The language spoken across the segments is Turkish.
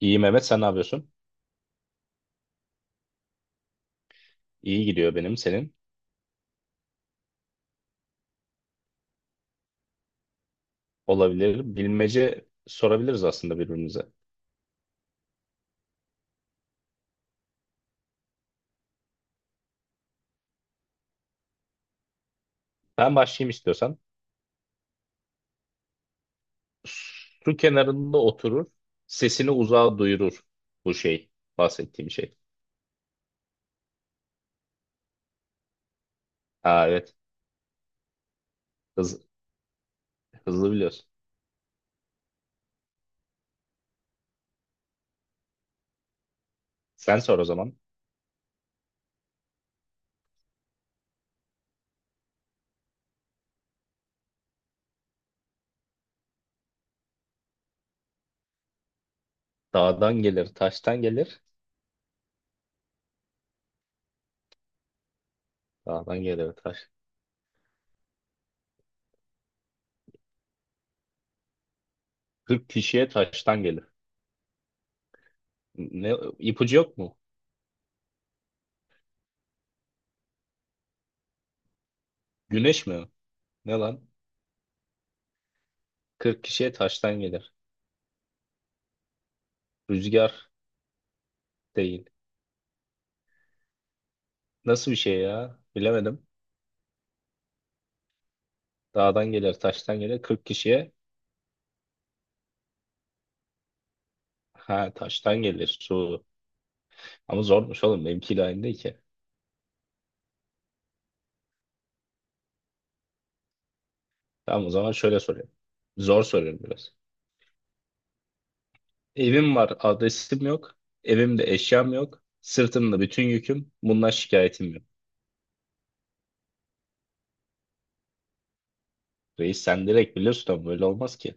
İyi Mehmet, sen ne yapıyorsun? İyi gidiyor benim senin. Olabilir. Bilmece sorabiliriz aslında birbirimize. Ben başlayayım istiyorsan. Su kenarında oturur. Sesini uzağa duyurur. Bu şey. Bahsettiğim şey. Ha, evet. Hız, Hızlı biliyorsun. Sen sor o zaman. Dağdan gelir, taştan gelir. Dağdan gelir, taş. Kırk kişiye taştan gelir. Ne, ipucu yok mu? Güneş mi? Ne lan? Kırk kişiye taştan gelir. Rüzgar değil. Nasıl bir şey ya? Bilemedim. Dağdan gelir, taştan gelir. 40 kişiye ha taştan gelir su. Ama zormuş oğlum, benimkiyle aynı değil ki. Tamam, o zaman şöyle soruyorum. Zor soruyorum biraz. Evim var, adresim yok. Evimde eşyam yok. Sırtımda bütün yüküm. Bundan şikayetim yok. Reis, sen direkt biliyorsun ama böyle olmaz ki.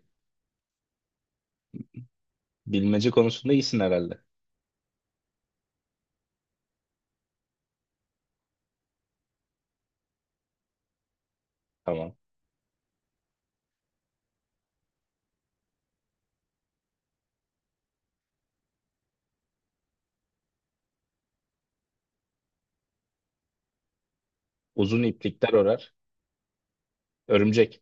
Bilmece konusunda iyisin herhalde. Tamam. Uzun iplikler örer. Örümcek.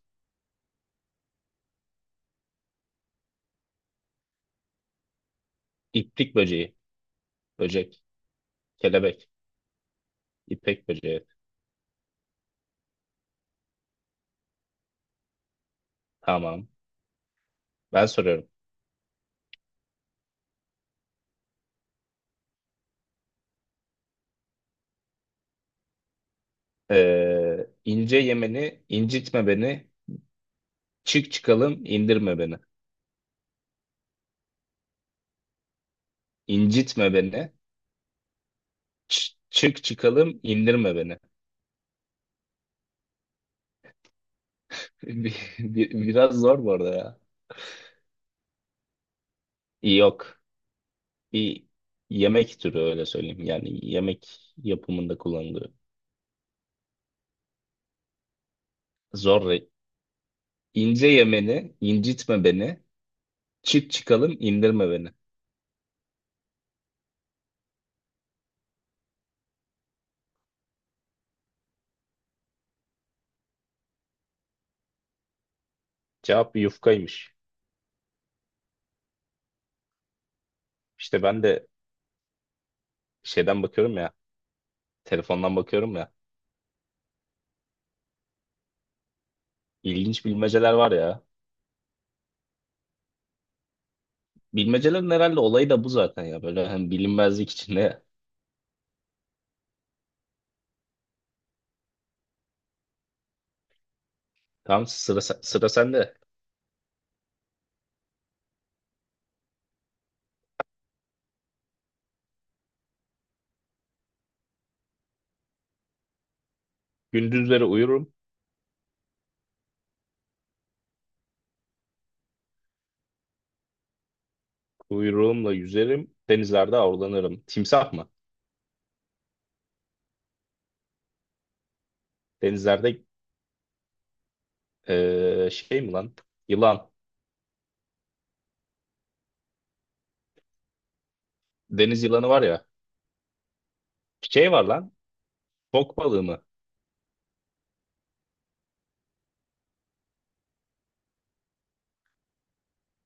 İplik böceği. Böcek. Kelebek. İpek böceği. Tamam. Ben soruyorum. İnce yemeni, incitme beni, çık çıkalım indirme beni. İncitme beni. Çık çıkalım indirme beni. Biraz zor bu arada ya. Yok. Bir yemek türü, öyle söyleyeyim. Yani yemek yapımında kullanılıyor. Zor. İnce yemeni, incitme beni. Çık çıkalım indirme beni. Cevap yufkaymış. İşte ben de şeyden bakıyorum ya. Telefondan bakıyorum ya. İlginç bilmeceler var ya. Bilmecelerin herhalde olayı da bu zaten ya. Böyle hani bilinmezlik içinde. Tamam, sıra sende. Gündüzleri uyurum, uyruğumla yüzerim, denizlerde avlanırım. Timsah mı? Denizlerde şey mi lan? Yılan. Deniz yılanı var ya. Şey var lan. Fok balığı mı?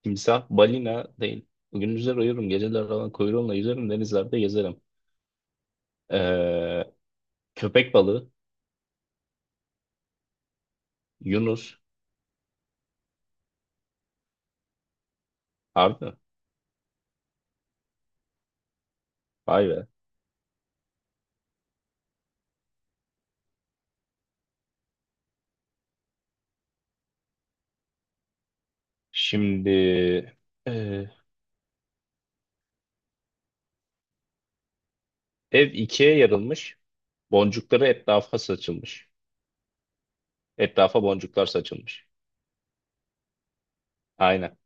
Timsah, balina değil. Gündüzleri uyurum, geceler alan kuyruğumla yüzerim, denizlerde gezerim. Eee, Köpek balığı, yunus. Harbi mi? Vay be. Şimdi eee, ev ikiye yarılmış. Boncukları etrafa saçılmış. Etrafa boncuklar saçılmış. Aynen.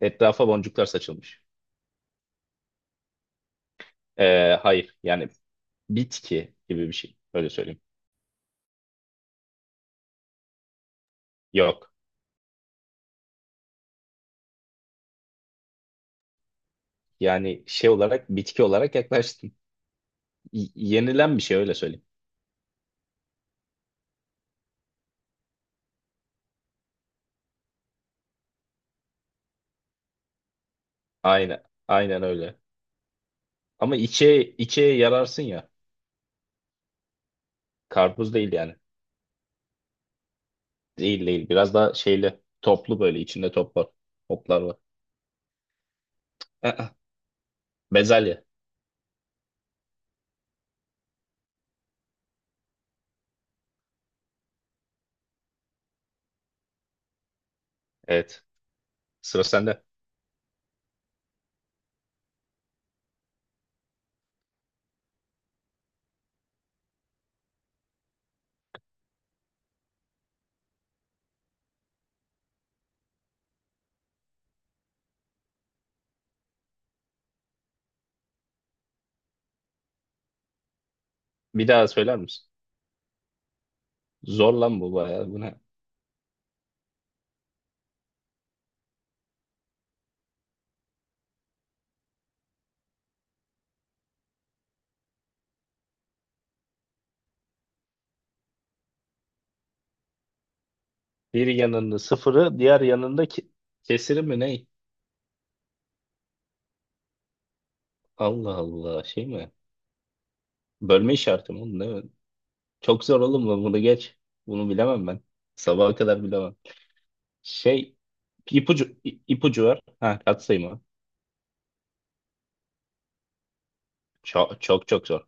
Etrafa boncuklar saçılmış. Hayır, yani bitki gibi bir şey. Öyle söyleyeyim. Yok. Yani şey olarak, bitki olarak yaklaştın. Yenilen bir şey, öyle söyleyeyim. Aynen. Aynen öyle. Ama içe içe yararsın ya. Karpuz değil yani. Değil değil. Biraz daha şeyli. Toplu böyle. İçinde top var. Toplar var. Aa, bezelye. Evet. Sıra sende. Bir daha söyler misin? Zor lan bu bayağı. Bu ne? Bir yanında sıfırı, diğer yanında kesiri mi ne? Allah Allah, şey mi? Bölme işareti mi oğlum, değil mi? Çok zor oğlum bu, bunu geç. Bunu bilemem ben. Sabaha kadar bilemem. Şey, ipucu ipucu var. Ha, katsayı mı? Çok çok çok zor.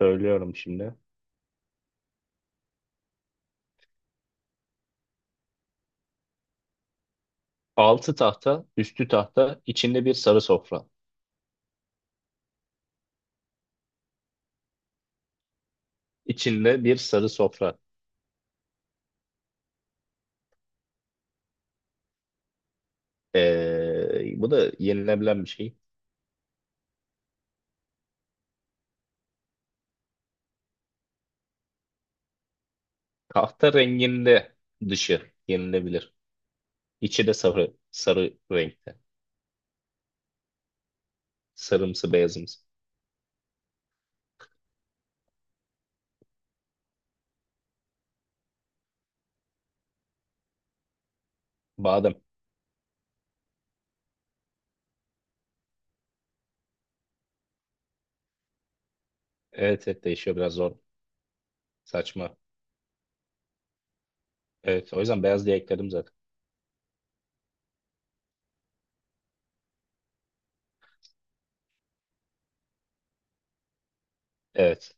Söylüyorum şimdi. Altı tahta, üstü tahta, içinde bir sarı sofra. İçinde bir sarı sofra. Bu da yenilebilen bir şey. Tahta renginde dışı yenilebilir. İçi de sarı, sarı renkte. Sarımsı, beyazımsı. Badem. Evet, evet, değişiyor biraz, zor. Saçma. Evet, o yüzden beyaz diye ekledim zaten. Evet,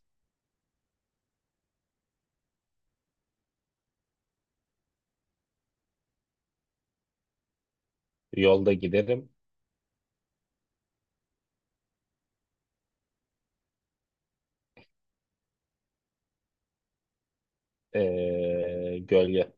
yolda giderim. Gölge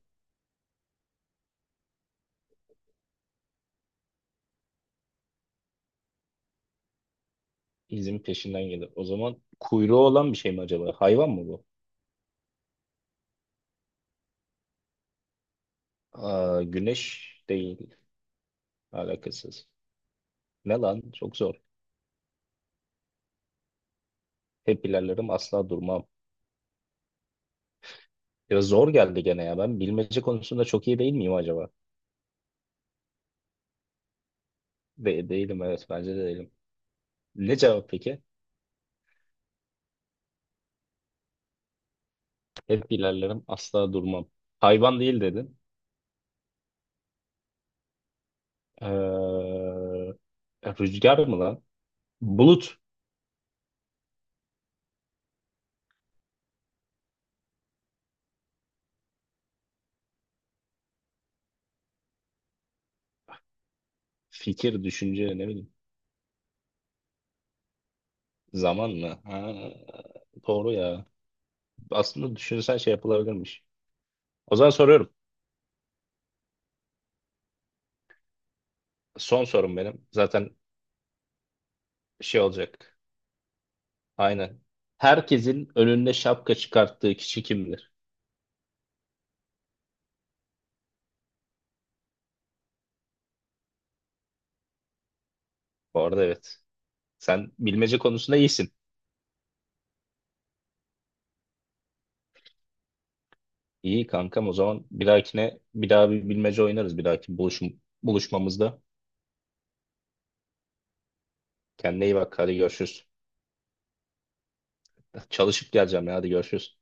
izin peşinden gelir. O zaman kuyruğu olan bir şey mi acaba? Hayvan mı bu? Aa, güneş değil, alakasız. Ne lan? Çok zor. Hep ilerlerim, asla durmam. Ya zor geldi gene ya. Ben bilmece konusunda çok iyi değil miyim acaba? De değilim, evet, bence de değilim. Ne cevap peki? Hep ilerlerim, asla durmam. Hayvan değil dedin. Rüzgar mı lan? Bulut. Fikir, düşünce, ne bileyim. Zaman mı? Ha, doğru ya. Aslında düşünsen şey yapılabilirmiş. O zaman soruyorum. Son sorum benim. Zaten şey olacak. Aynen. Herkesin önünde şapka çıkarttığı kişi kimdir? Bu arada evet. Sen bilmece konusunda iyisin. İyi kankam, o zaman bir dahakine bir daha bir bilmece oynarız, bir dahaki buluşmamızda. Kendine iyi bak, hadi görüşürüz. Çalışıp geleceğim ya, hadi görüşürüz.